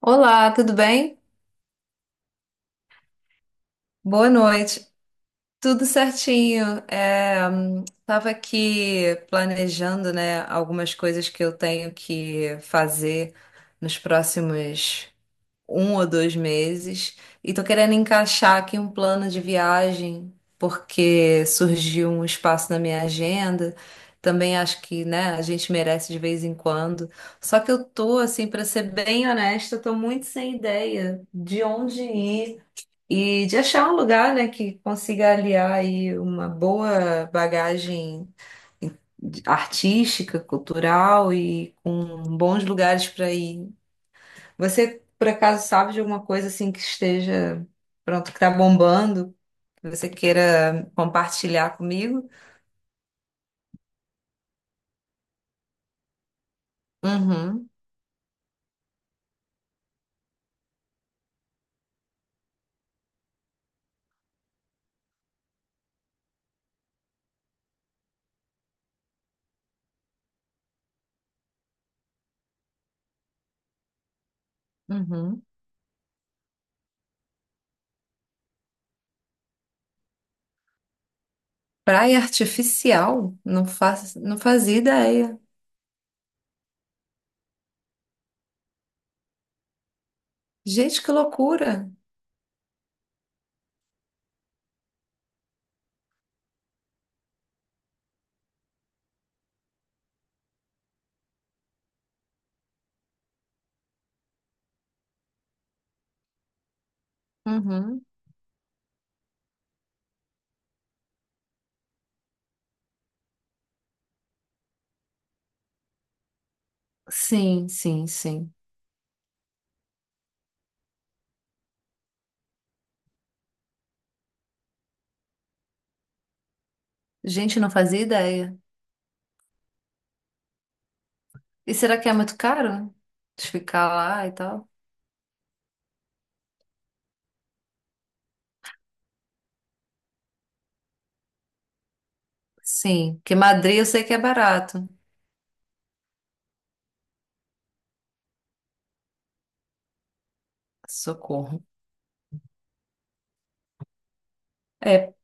Olá, tudo bem? Boa noite. Tudo certinho. Tava aqui planejando, né, algumas coisas que eu tenho que fazer nos próximos 1 ou 2 meses e tô querendo encaixar aqui um plano de viagem porque surgiu um espaço na minha agenda. Também acho que, né, a gente merece de vez em quando. Só que eu tô, assim, para ser bem honesta, eu tô muito sem ideia de onde ir. E de achar um lugar, né, que consiga aliar aí uma boa bagagem artística, cultural e com bons lugares para ir. Você, por acaso, sabe de alguma coisa assim que esteja pronto, que está bombando, que você queira compartilhar comigo? Uhum, uhum. Praia artificial? Não fazia ideia. Gente, que loucura! Uhum. Sim, sim, sim. Gente, não fazia ideia. E será que é muito caro? De ficar lá e tal? Sim, porque Madrid eu sei que é barato. Socorro. É,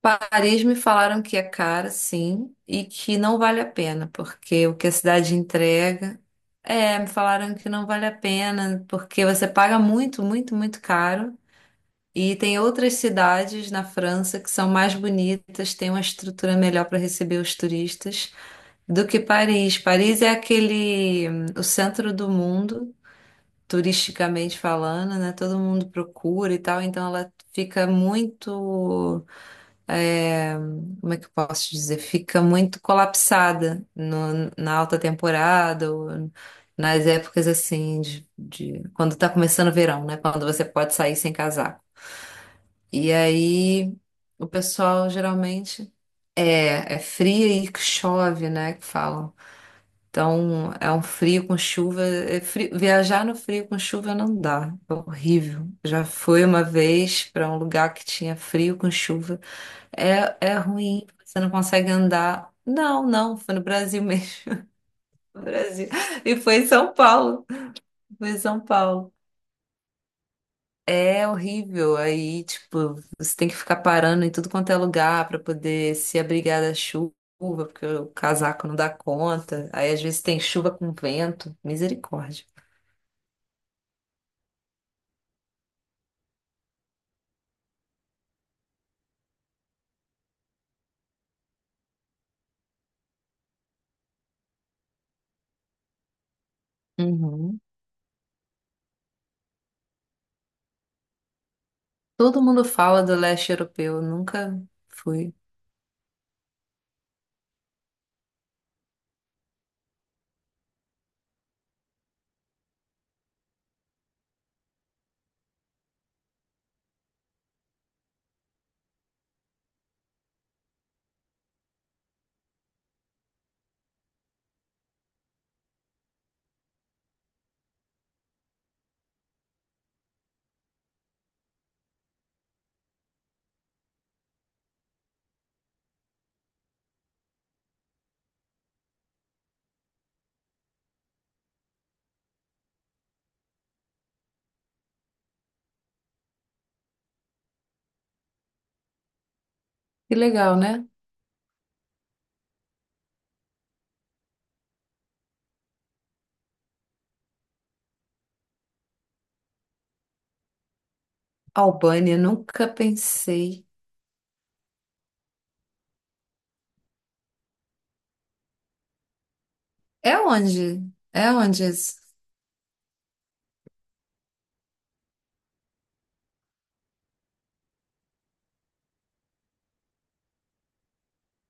Paris me falaram que é cara, sim, e que não vale a pena, porque o que a cidade entrega. É, me falaram que não vale a pena, porque você paga muito, muito, muito caro. E tem outras cidades na França que são mais bonitas, têm uma estrutura melhor para receber os turistas do que Paris. Paris é o centro do mundo, turisticamente falando, né? Todo mundo procura e tal, então ela fica muito, é, como é que eu posso dizer? Fica muito colapsada na alta temporada ou nas épocas assim quando tá começando o verão, né? Quando você pode sair sem casaco. E aí o pessoal geralmente é fria e que chove, né? Que falam. Então, é um frio com chuva. Viajar no frio com chuva não dá, é horrível. Já fui uma vez para um lugar que tinha frio com chuva. É ruim, você não consegue andar. Não, não, foi no Brasil mesmo. No Brasil. E foi em São Paulo. Foi em São Paulo. É horrível. Aí, tipo, você tem que ficar parando em tudo quanto é lugar para poder se abrigar da chuva. Porque o casaco não dá conta. Aí às vezes tem chuva com vento. Misericórdia. Uhum. Todo mundo fala do leste europeu, eu nunca fui. Que legal, né? Albânia, nunca pensei. É onde? É onde isso?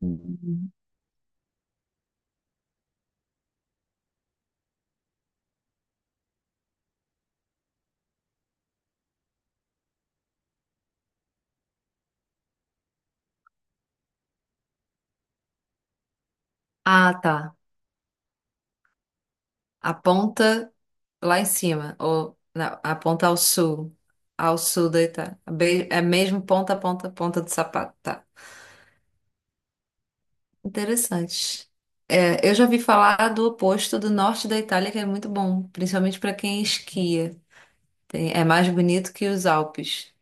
Uhum. Ah, tá. A ponta lá em cima, ou não, a ponta ao sul da Itália. É mesmo ponta, ponta, ponta do sapato. Tá. Interessante. É, eu já vi falar do oposto do norte da Itália, que é muito bom, principalmente para quem esquia. É mais bonito que os Alpes.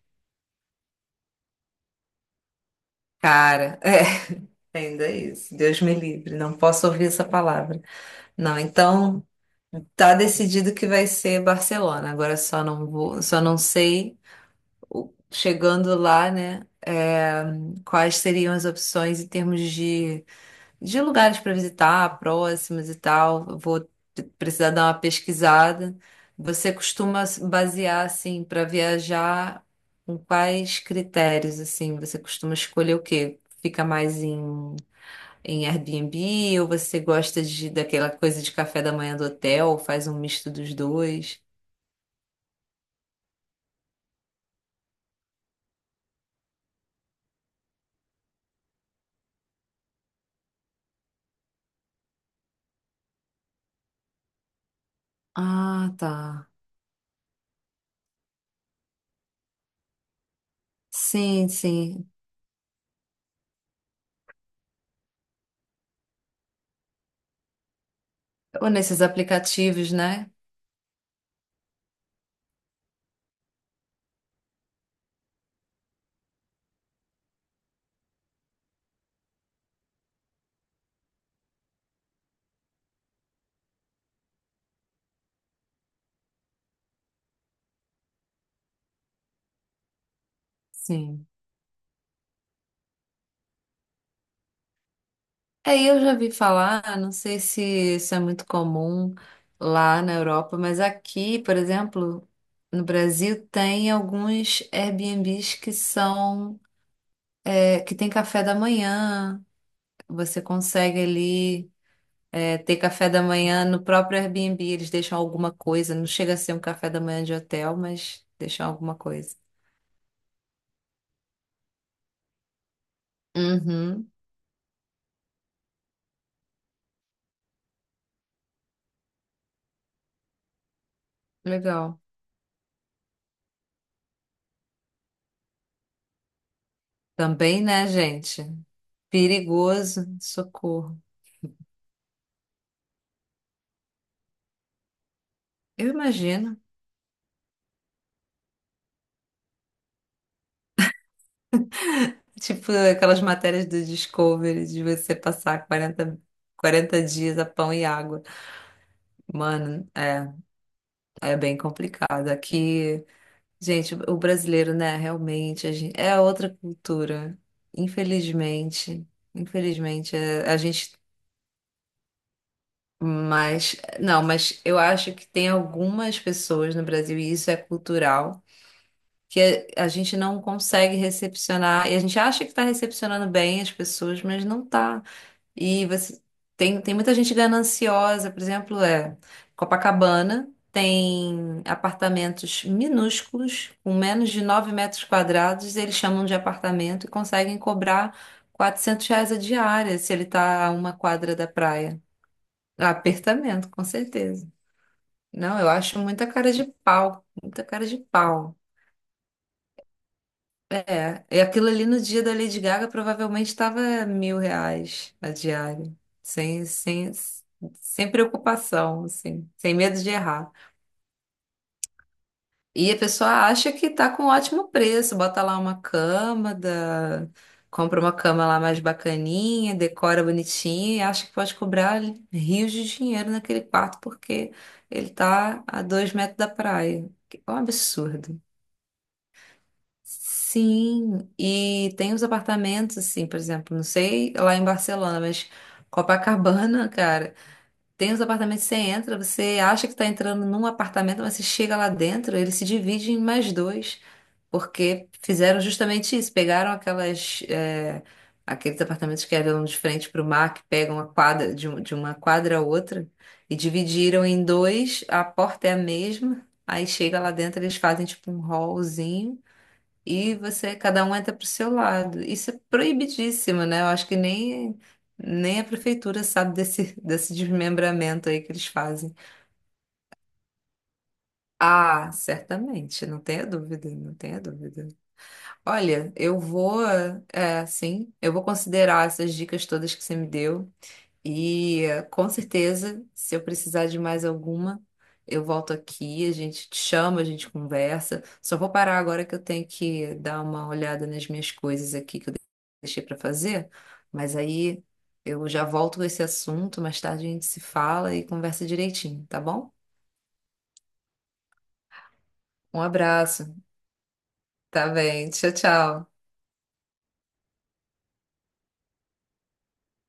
Cara, ainda é isso. Deus me livre, não posso ouvir essa palavra. Não, então tá decidido que vai ser Barcelona. Agora só não sei chegando lá, né? É, quais seriam as opções em termos de lugares para visitar, próximos e tal. Eu vou precisar dar uma pesquisada. Você costuma se basear assim para viajar com quais critérios assim? Você costuma escolher o quê? Fica mais em Airbnb ou você gosta de daquela coisa de café da manhã do hotel, faz um misto dos dois? Ah, tá. Sim, sim. Ou nesses aplicativos, né? Sim. É, eu já vi falar, não sei se isso é muito comum lá na Europa, mas aqui, por exemplo, no Brasil tem alguns Airbnbs que tem café da manhã. Você consegue ali. É, ter café da manhã no próprio Airbnb, eles deixam alguma coisa. Não chega a ser um café da manhã de hotel, mas deixam alguma coisa. Uhum, legal. Também, né, gente? Perigoso, socorro. Eu imagino. Tipo aquelas matérias do Discovery de você passar quarenta dias a pão e água. Mano, é bem complicado. Aqui. Gente, o brasileiro, né? Realmente, a gente, é outra cultura. Infelizmente, infelizmente, a gente. Mas, não, eu acho que tem algumas pessoas no Brasil, e isso é cultural, que a gente não consegue recepcionar, e a gente acha que está recepcionando bem as pessoas, mas não está. E você tem muita gente gananciosa, por exemplo, Copacabana tem apartamentos minúsculos, com menos de 9 metros quadrados, eles chamam de apartamento e conseguem cobrar R$ 400 a diária se ele está a uma quadra da praia. Apertamento, com certeza. Não, eu acho muita cara de pau, muita cara de pau. É, e aquilo ali no dia da Lady Gaga provavelmente estava R$ 1.000 a diária, sem, sem, sem preocupação, assim, sem medo de errar. E a pessoa acha que tá com um ótimo preço, bota lá uma cama, compra uma cama lá mais bacaninha, decora bonitinho e acha que pode cobrar rios de dinheiro naquele quarto porque ele tá a 2 metros da praia. É um absurdo. Sim, e tem os apartamentos, assim, por exemplo, não sei lá em Barcelona, mas Copacabana, cara, tem os apartamentos que você entra, você acha que tá entrando num apartamento, mas você chega lá dentro, ele se divide em mais dois, porque fizeram justamente isso, pegaram aqueles apartamentos que eram de frente para o mar, que pegam a quadra, de uma quadra a outra, e dividiram em dois, a porta é a mesma, aí chega lá dentro, eles fazem tipo um hallzinho, e você, cada um entra pro seu lado. Isso é proibidíssimo, né? Eu acho que nem a prefeitura sabe desse, desse desmembramento aí que eles fazem. Ah, certamente, não tenha dúvida, não tenha dúvida. Olha, sim, eu vou considerar essas dicas todas que você me deu. Com certeza, se eu precisar de mais alguma, eu volto aqui, a gente te chama, a gente conversa. Só vou parar agora que eu tenho que dar uma olhada nas minhas coisas aqui que eu deixei para fazer, mas aí eu já volto com esse assunto, mais tarde a gente se fala e conversa direitinho, tá bom? Um abraço. Tá bem. Tchau, tchau.